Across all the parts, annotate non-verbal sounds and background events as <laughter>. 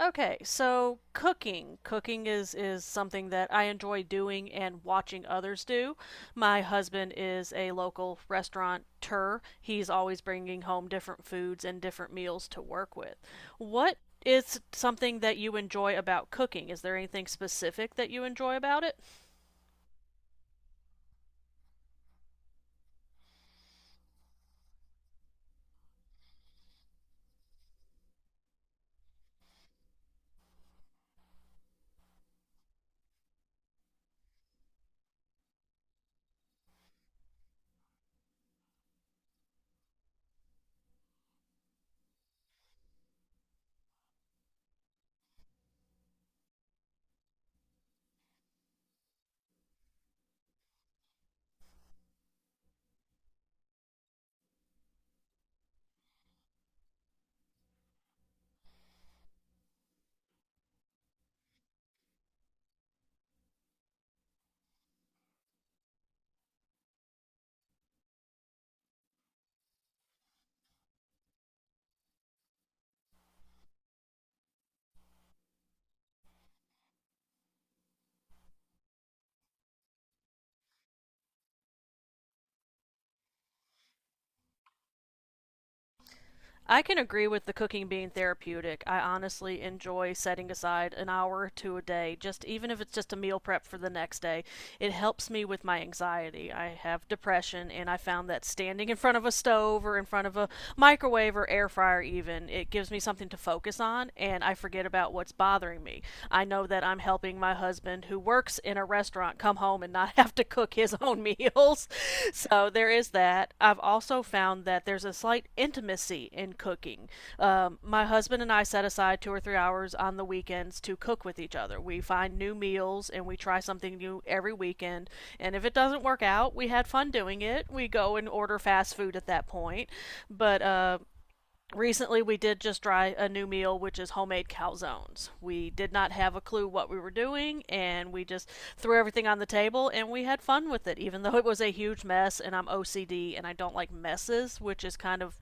Okay, so cooking. Cooking is something that I enjoy doing and watching others do. My husband is a local restaurateur. He's always bringing home different foods and different meals to work with. What is something that you enjoy about cooking? Is there anything specific that you enjoy about it? I can agree with the cooking being therapeutic. I honestly enjoy setting aside an hour or two a day, just even if it's just a meal prep for the next day. It helps me with my anxiety. I have depression, and I found that standing in front of a stove or in front of a microwave or air fryer, even, it gives me something to focus on, and I forget about what's bothering me. I know that I'm helping my husband, who works in a restaurant come home and not <laughs> have to cook his own meals. <laughs> So there is that. I've also found that there's a slight intimacy in cooking. My husband and I set aside 2 or 3 hours on the weekends to cook with each other. We find new meals and we try something new every weekend. And if it doesn't work out, we had fun doing it. We go and order fast food at that point. But recently we did just try a new meal, which is homemade calzones. We did not have a clue what we were doing, and we just threw everything on the table and we had fun with it, even though it was a huge mess. And I'm OCD and I don't like messes, which is kind of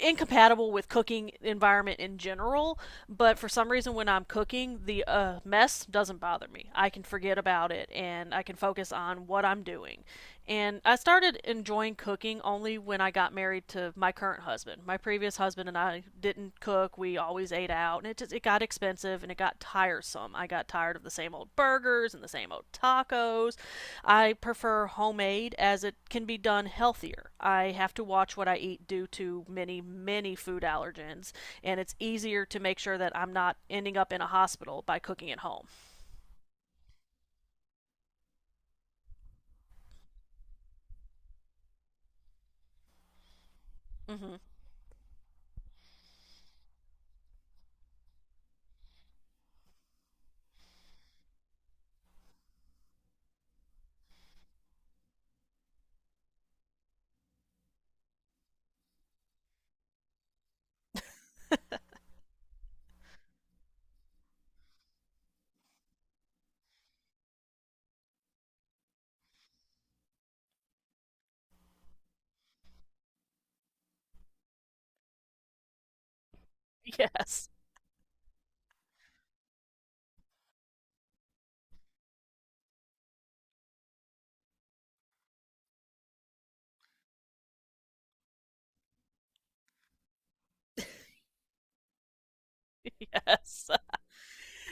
incompatible with cooking environment in general. But for some reason, when I'm cooking, the mess doesn't bother me. I can forget about it and I can focus on what I'm doing. And I started enjoying cooking only when I got married to my current husband. My previous husband and I didn't cook. We always ate out and it just it got expensive and it got tiresome. I got tired of the same old burgers and the same old tacos. I prefer homemade as it can be done healthier. I have to watch what I eat due to many food allergens, and it's easier to make sure that I'm not ending up in a hospital by cooking at home. Mhm. Yes. <laughs> Yes.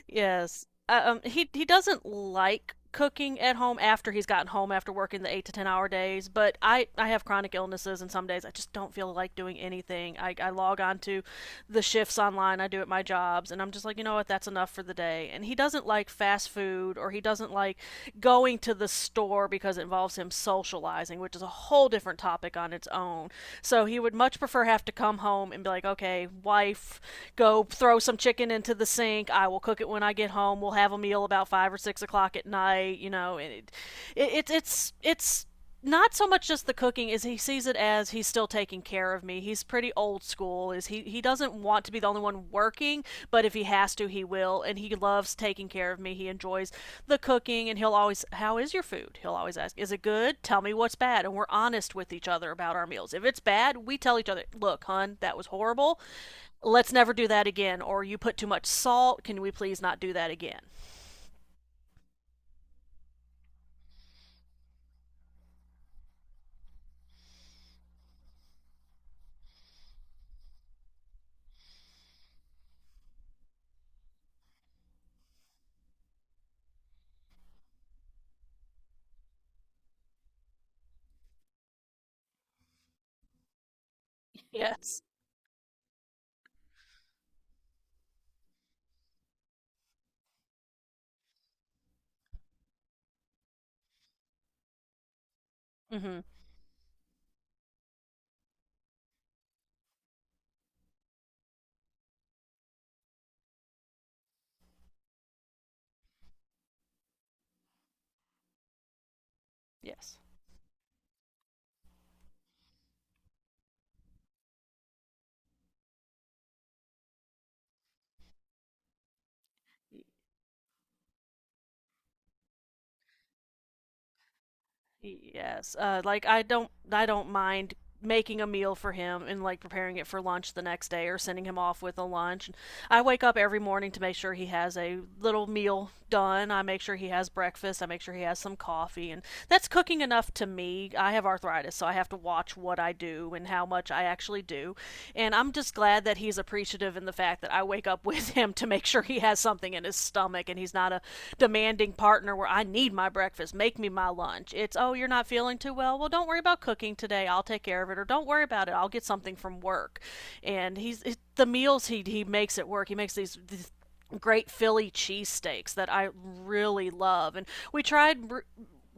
Yes. He doesn't like cooking at home after he's gotten home after working the 8 to 10 hour days. But I have chronic illnesses, and some days I just don't feel like doing anything. I log on to the shifts online I do at my jobs, and I'm just like, you know what, that's enough for the day. And he doesn't like fast food, or he doesn't like going to the store because it involves him socializing, which is a whole different topic on its own. So he would much prefer have to come home and be like, okay, wife, go throw some chicken into the sink. I will cook it when I get home. We'll have a meal about 5 or 6 o'clock at night. You know, and it's not so much just the cooking as he sees it, as he's still taking care of me. He's pretty old school. Is he doesn't want to be the only one working, but if he has to, he will, and he loves taking care of me. He enjoys the cooking, and he'll always how is your food? He'll always ask, "Is it good? Tell me what's bad." And we're honest with each other about our meals. If it's bad, we tell each other, "Look, hun, that was horrible, let's never do that again," or "You put too much salt, can we please not do that again." Yes. Mm-hmm. Yes. Yes. Like, I don't mind making a meal for him and like preparing it for lunch the next day or sending him off with a lunch. I wake up every morning to make sure he has a little meal done. I make sure he has breakfast. I make sure he has some coffee. And that's cooking enough to me. I have arthritis, so I have to watch what I do and how much I actually do. And I'm just glad that he's appreciative in the fact that I wake up <laughs> with him to make sure he has something in his stomach, and he's not a demanding partner where I need my breakfast, make me my lunch. It's, oh, you're not feeling too well? Well, don't worry about cooking today. I'll take care of it. Or don't worry about it. I'll get something from work. And the meals he makes it work. He makes these great Philly cheesesteaks that I really love. And we tried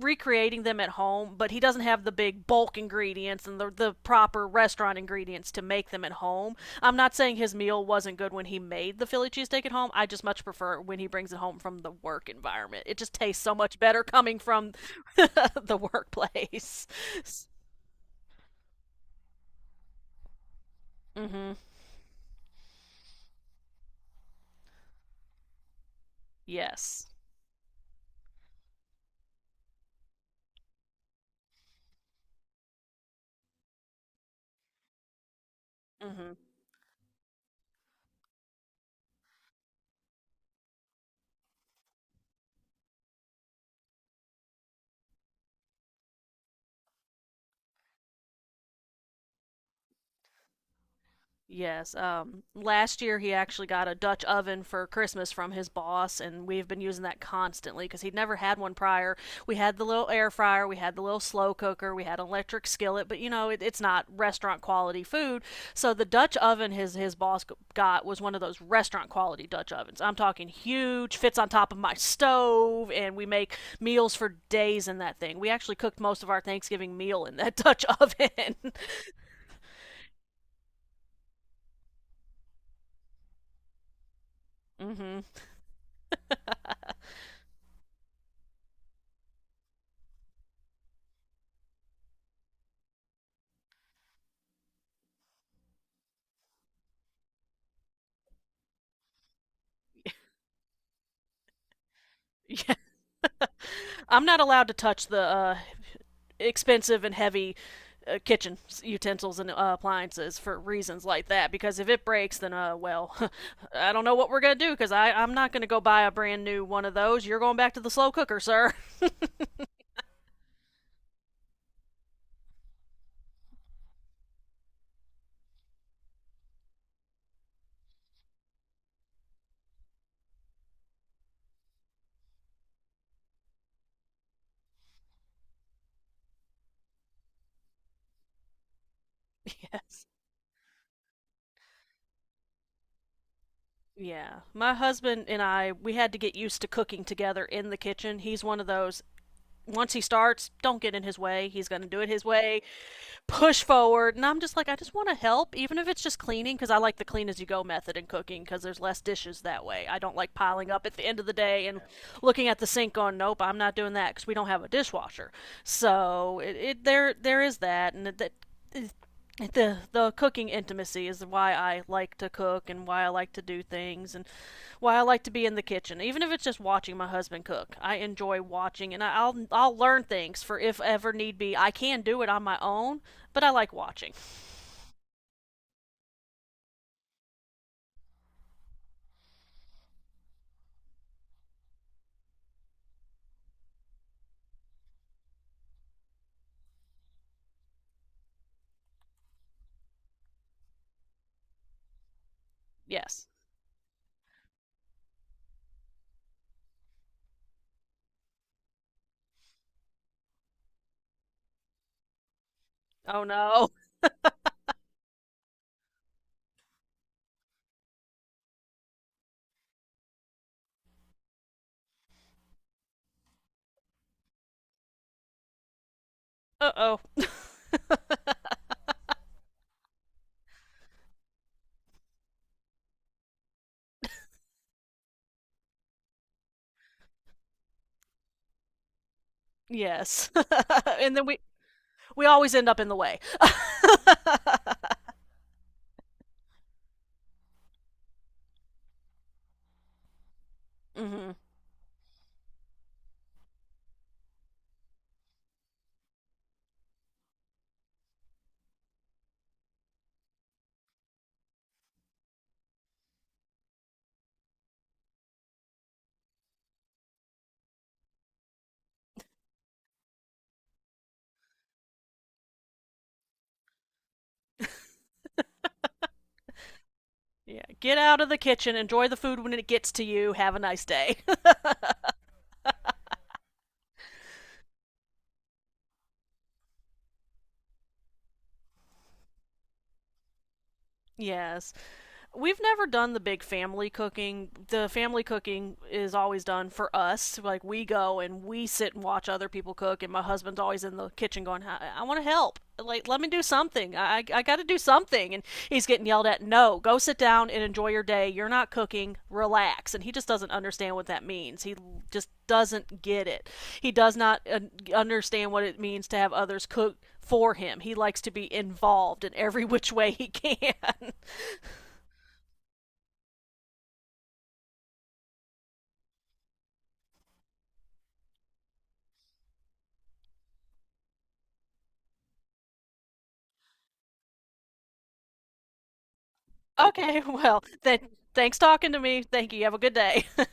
recreating them at home, but he doesn't have the big bulk ingredients and the proper restaurant ingredients to make them at home. I'm not saying his meal wasn't good when he made the Philly cheesesteak at home. I just much prefer when he brings it home from the work environment. It just tastes so much better coming from <laughs> the workplace. Mm-hmm. Yes. Mm-hmm. Yes. Last year he actually got a Dutch oven for Christmas from his boss, and we've been using that constantly because he'd never had one prior. We had the little air fryer, we had the little slow cooker, we had an electric skillet, but you know it, it's not restaurant quality food. So the Dutch oven his boss got was one of those restaurant quality Dutch ovens. I'm talking huge, fits on top of my stove, and we make meals for days in that thing. We actually cooked most of our Thanksgiving meal in that Dutch oven. <laughs> Mm-hmm. Yeah. I'm not allowed to touch the expensive and heavy kitchen utensils and appliances for reasons like that. Because if it breaks, then well, <laughs> I don't know what we're gonna do. Because I'm not gonna go buy a brand new one of those. You're going back to the slow cooker, sir. <laughs> Yeah. Yeah. My husband and I we had to get used to cooking together in the kitchen. He's one of those. Once he starts, don't get in his way. He's gonna do it his way. Push forward. And I'm just like, I just want to help, even if it's just cleaning, because I like the clean as you go method in cooking, because there's less dishes that way. I don't like piling up at the end of the day and looking at the sink going, nope, I'm not doing that because we don't have a dishwasher. So it there there is that, and that the cooking intimacy is why I like to cook and why I like to do things and why I like to be in the kitchen. Even if it's just watching my husband cook, I enjoy watching, and I- will I'll learn things for if ever need be I can do it on my own, but I like watching. Yes. Oh no. Uh oh. Yes. <laughs> And then we always end up in the way. <laughs> Hmm. Yeah, get out of the kitchen, enjoy the food when it gets to you, have a nice day. <laughs> Yes. We've never done the big family cooking. The family cooking is always done for us. Like we go and we sit and watch other people cook, and my husband's always in the kitchen going, I want to help. Like let me do something. I got to do something." And he's getting yelled at, "No, go sit down and enjoy your day. You're not cooking. Relax." And he just doesn't understand what that means. He just doesn't get it. He does not understand what it means to have others cook for him. He likes to be involved in every <laughs> which way he can. <laughs> Okay, <laughs> well, then thanks talking to me. Thank you. Have a good day. <laughs>